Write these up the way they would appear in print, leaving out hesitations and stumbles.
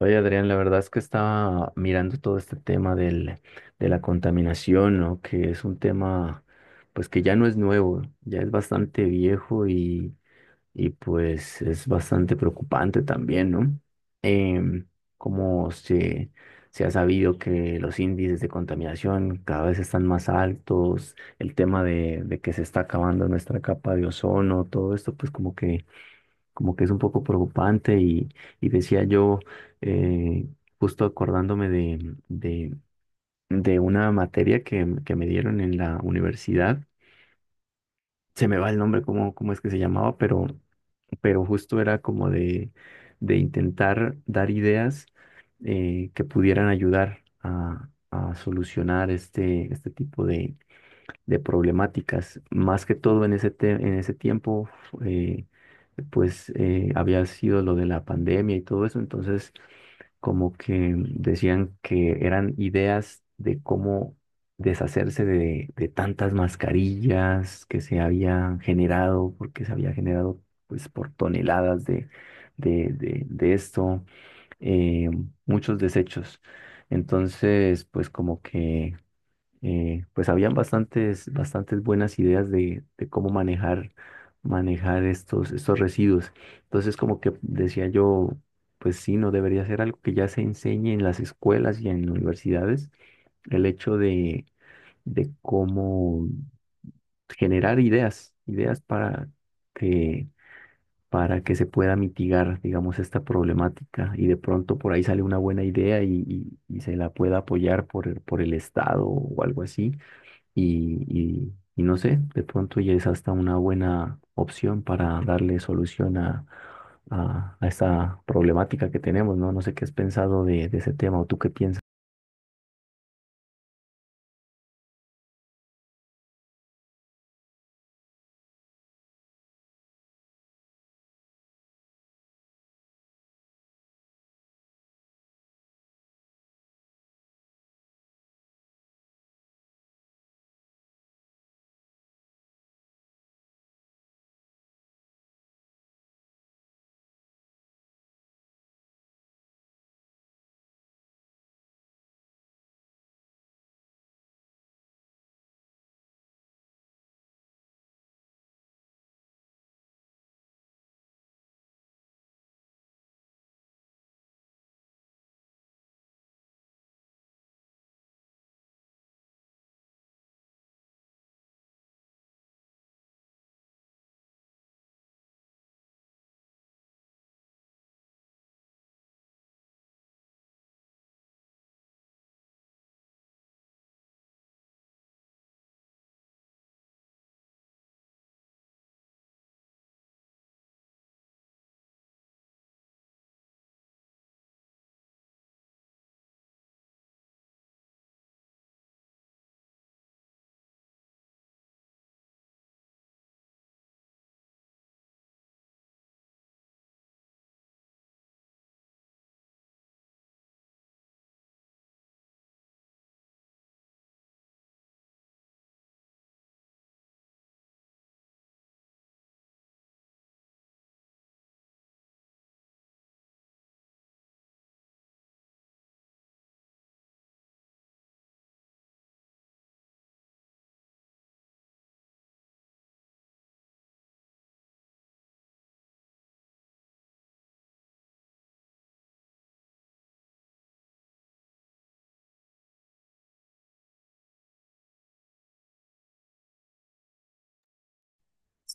Oye, Adrián, la verdad es que estaba mirando todo este tema de la contaminación, ¿no? Que es un tema, pues que ya no es nuevo, ya es bastante viejo y pues es bastante preocupante también, ¿no? Em, como se, se ha sabido que los índices de contaminación cada vez están más altos, el tema de que se está acabando nuestra capa de ozono, todo esto, pues como que es un poco preocupante y decía yo, eh, justo acordándome de una materia que me dieron en la universidad, se me va el nombre, cómo es que se llamaba, pero justo era como de intentar dar ideas, que pudieran ayudar a solucionar este tipo de problemáticas. Más que todo en en ese tiempo, eh, había sido lo de la pandemia y todo eso, entonces como que decían que eran ideas de cómo deshacerse de tantas mascarillas que se habían generado, porque se había generado pues por toneladas de esto, eh, muchos desechos. Entonces, pues como que, pues habían bastantes buenas ideas de cómo manejar estos residuos. Entonces, como que decía yo, pues sí, no debería ser algo que ya se enseñe en las escuelas y en universidades, el hecho de cómo generar ideas que, para que se pueda mitigar, digamos, esta problemática. Y de pronto por ahí sale una buena idea y se la pueda apoyar por por el Estado o algo así y no sé, de pronto ya es hasta una buena opción para darle solución a esta problemática que tenemos, ¿no? No sé qué has pensado de ese tema o tú qué piensas.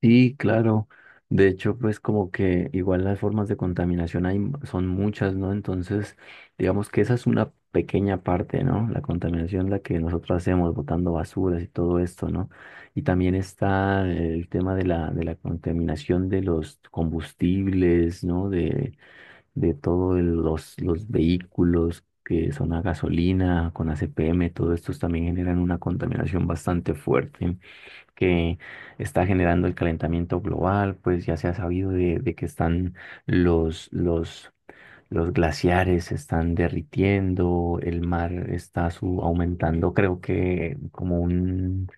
Sí, claro. De hecho, pues como que igual las formas de contaminación son muchas, ¿no? Entonces, digamos que esa es una pequeña parte, ¿no? La contaminación la que nosotros hacemos botando basuras y todo esto, ¿no? Y también está el tema de la contaminación de los combustibles, ¿no? De todos los vehículos que son a gasolina, con ACPM, todo estos también generan una contaminación bastante fuerte que está generando el calentamiento global, pues ya se ha sabido de que están los, los, los glaciares se están derritiendo, el mar aumentando, creo que como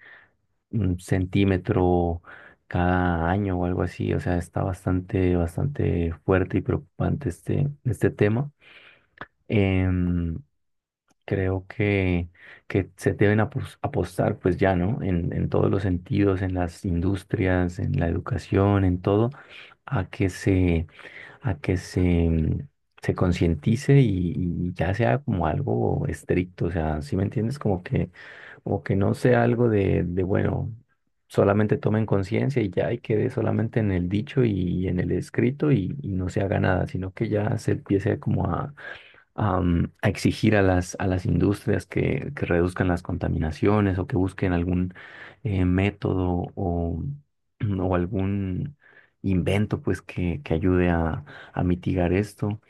un centímetro cada año o algo así, o sea, está bastante fuerte y preocupante este tema. Em, creo que se deben apostar, pues ya, ¿no? En todos los sentidos, en las industrias, en la educación, en todo, a que se, a que se, mm, se concientice y ya sea como algo estricto, o sea, ¿sí me entiendes? Como que no sea algo de bueno. Solamente tomen conciencia y ya y quede solamente en el dicho en el escrito y no se haga nada, sino que ya se empiece como, a exigir a a las industrias que reduzcan las contaminaciones o que busquen algún método o o algún invento pues que ayude a mitigar esto,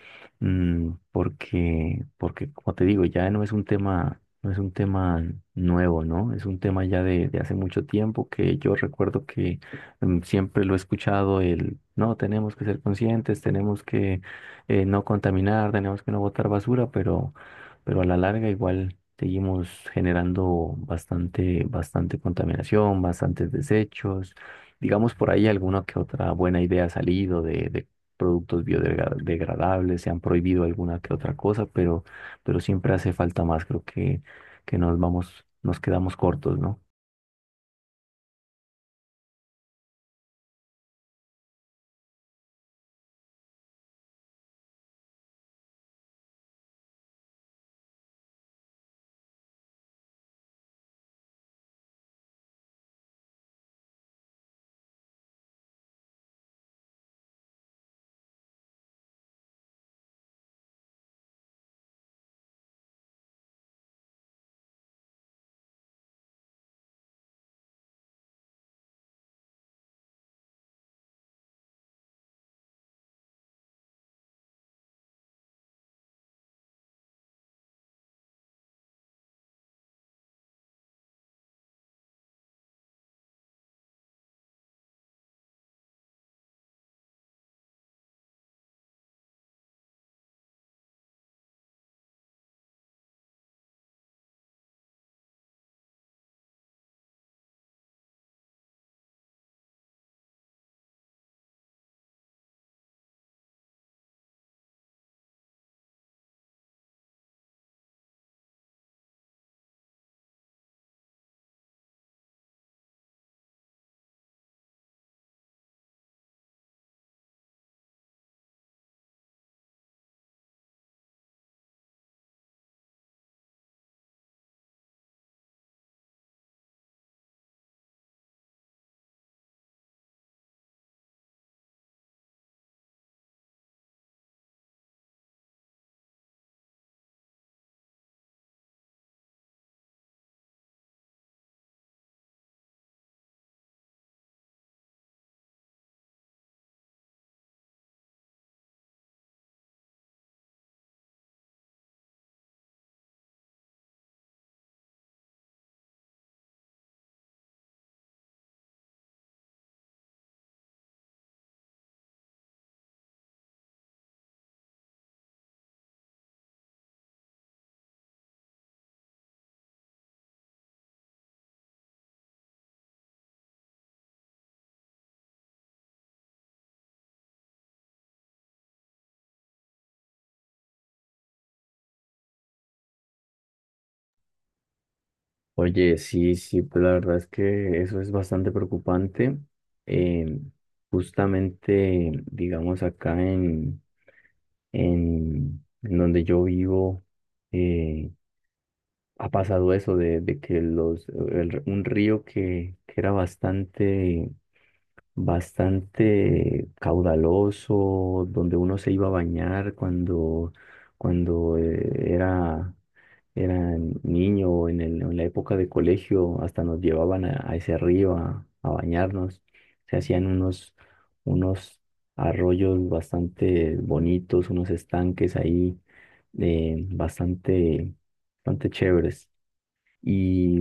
porque como te digo, ya no es un tema, no es un tema nuevo, ¿no? Es un tema ya de hace mucho tiempo que yo recuerdo que, siempre lo he escuchado el, no, tenemos que ser conscientes, tenemos que no contaminar, tenemos que no botar basura, pero a la larga igual seguimos generando bastante contaminación, bastantes desechos. Digamos por ahí alguna que otra buena idea ha salido de productos biodegradables, se han prohibido alguna que otra cosa, pero siempre hace falta más, creo que nos vamos, nos quedamos cortos, ¿no? Oye, sí, sí, pues la verdad es que eso es bastante preocupante. Eh, justamente, digamos, en donde yo vivo, eh, ha pasado eso de que un río que era bastante caudaloso, donde uno se iba a bañar cuando eran niño o en en la época de colegio, hasta nos llevaban a ese río a bañarnos. Se hacían unos arroyos bastante bonitos, unos estanques ahí, eh, bastante, bastante chéveres. Y,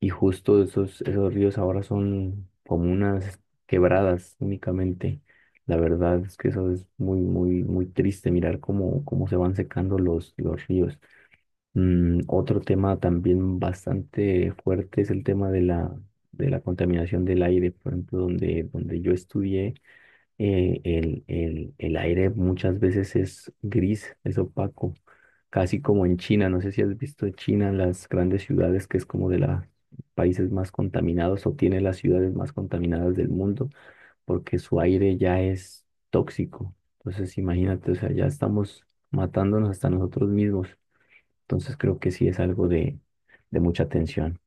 y justo esos ríos ahora son como unas quebradas únicamente. La verdad es que eso es muy, muy, muy triste mirar cómo se van secando los ríos. Mm, otro tema también bastante fuerte es el tema de la contaminación del aire. Por ejemplo, donde yo estudié, el aire muchas veces es gris, es opaco, casi como en China. No sé si has visto China, las grandes ciudades, que es como de los países más contaminados o tiene las ciudades más contaminadas del mundo, porque su aire ya es tóxico. Entonces, imagínate, o sea, ya estamos matándonos hasta nosotros mismos. Entonces creo que sí es algo de mucha tensión.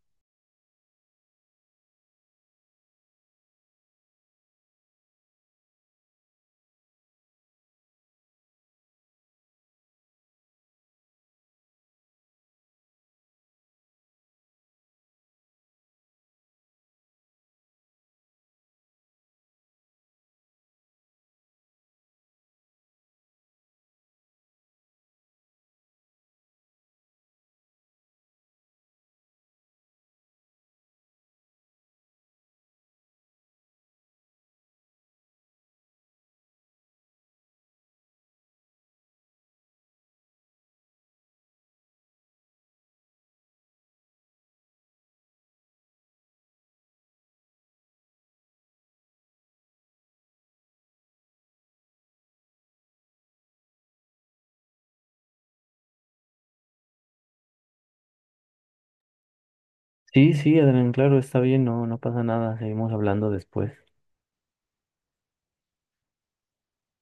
Sí, sí, Adrián, claro, está bien, no, no pasa nada, seguimos hablando después.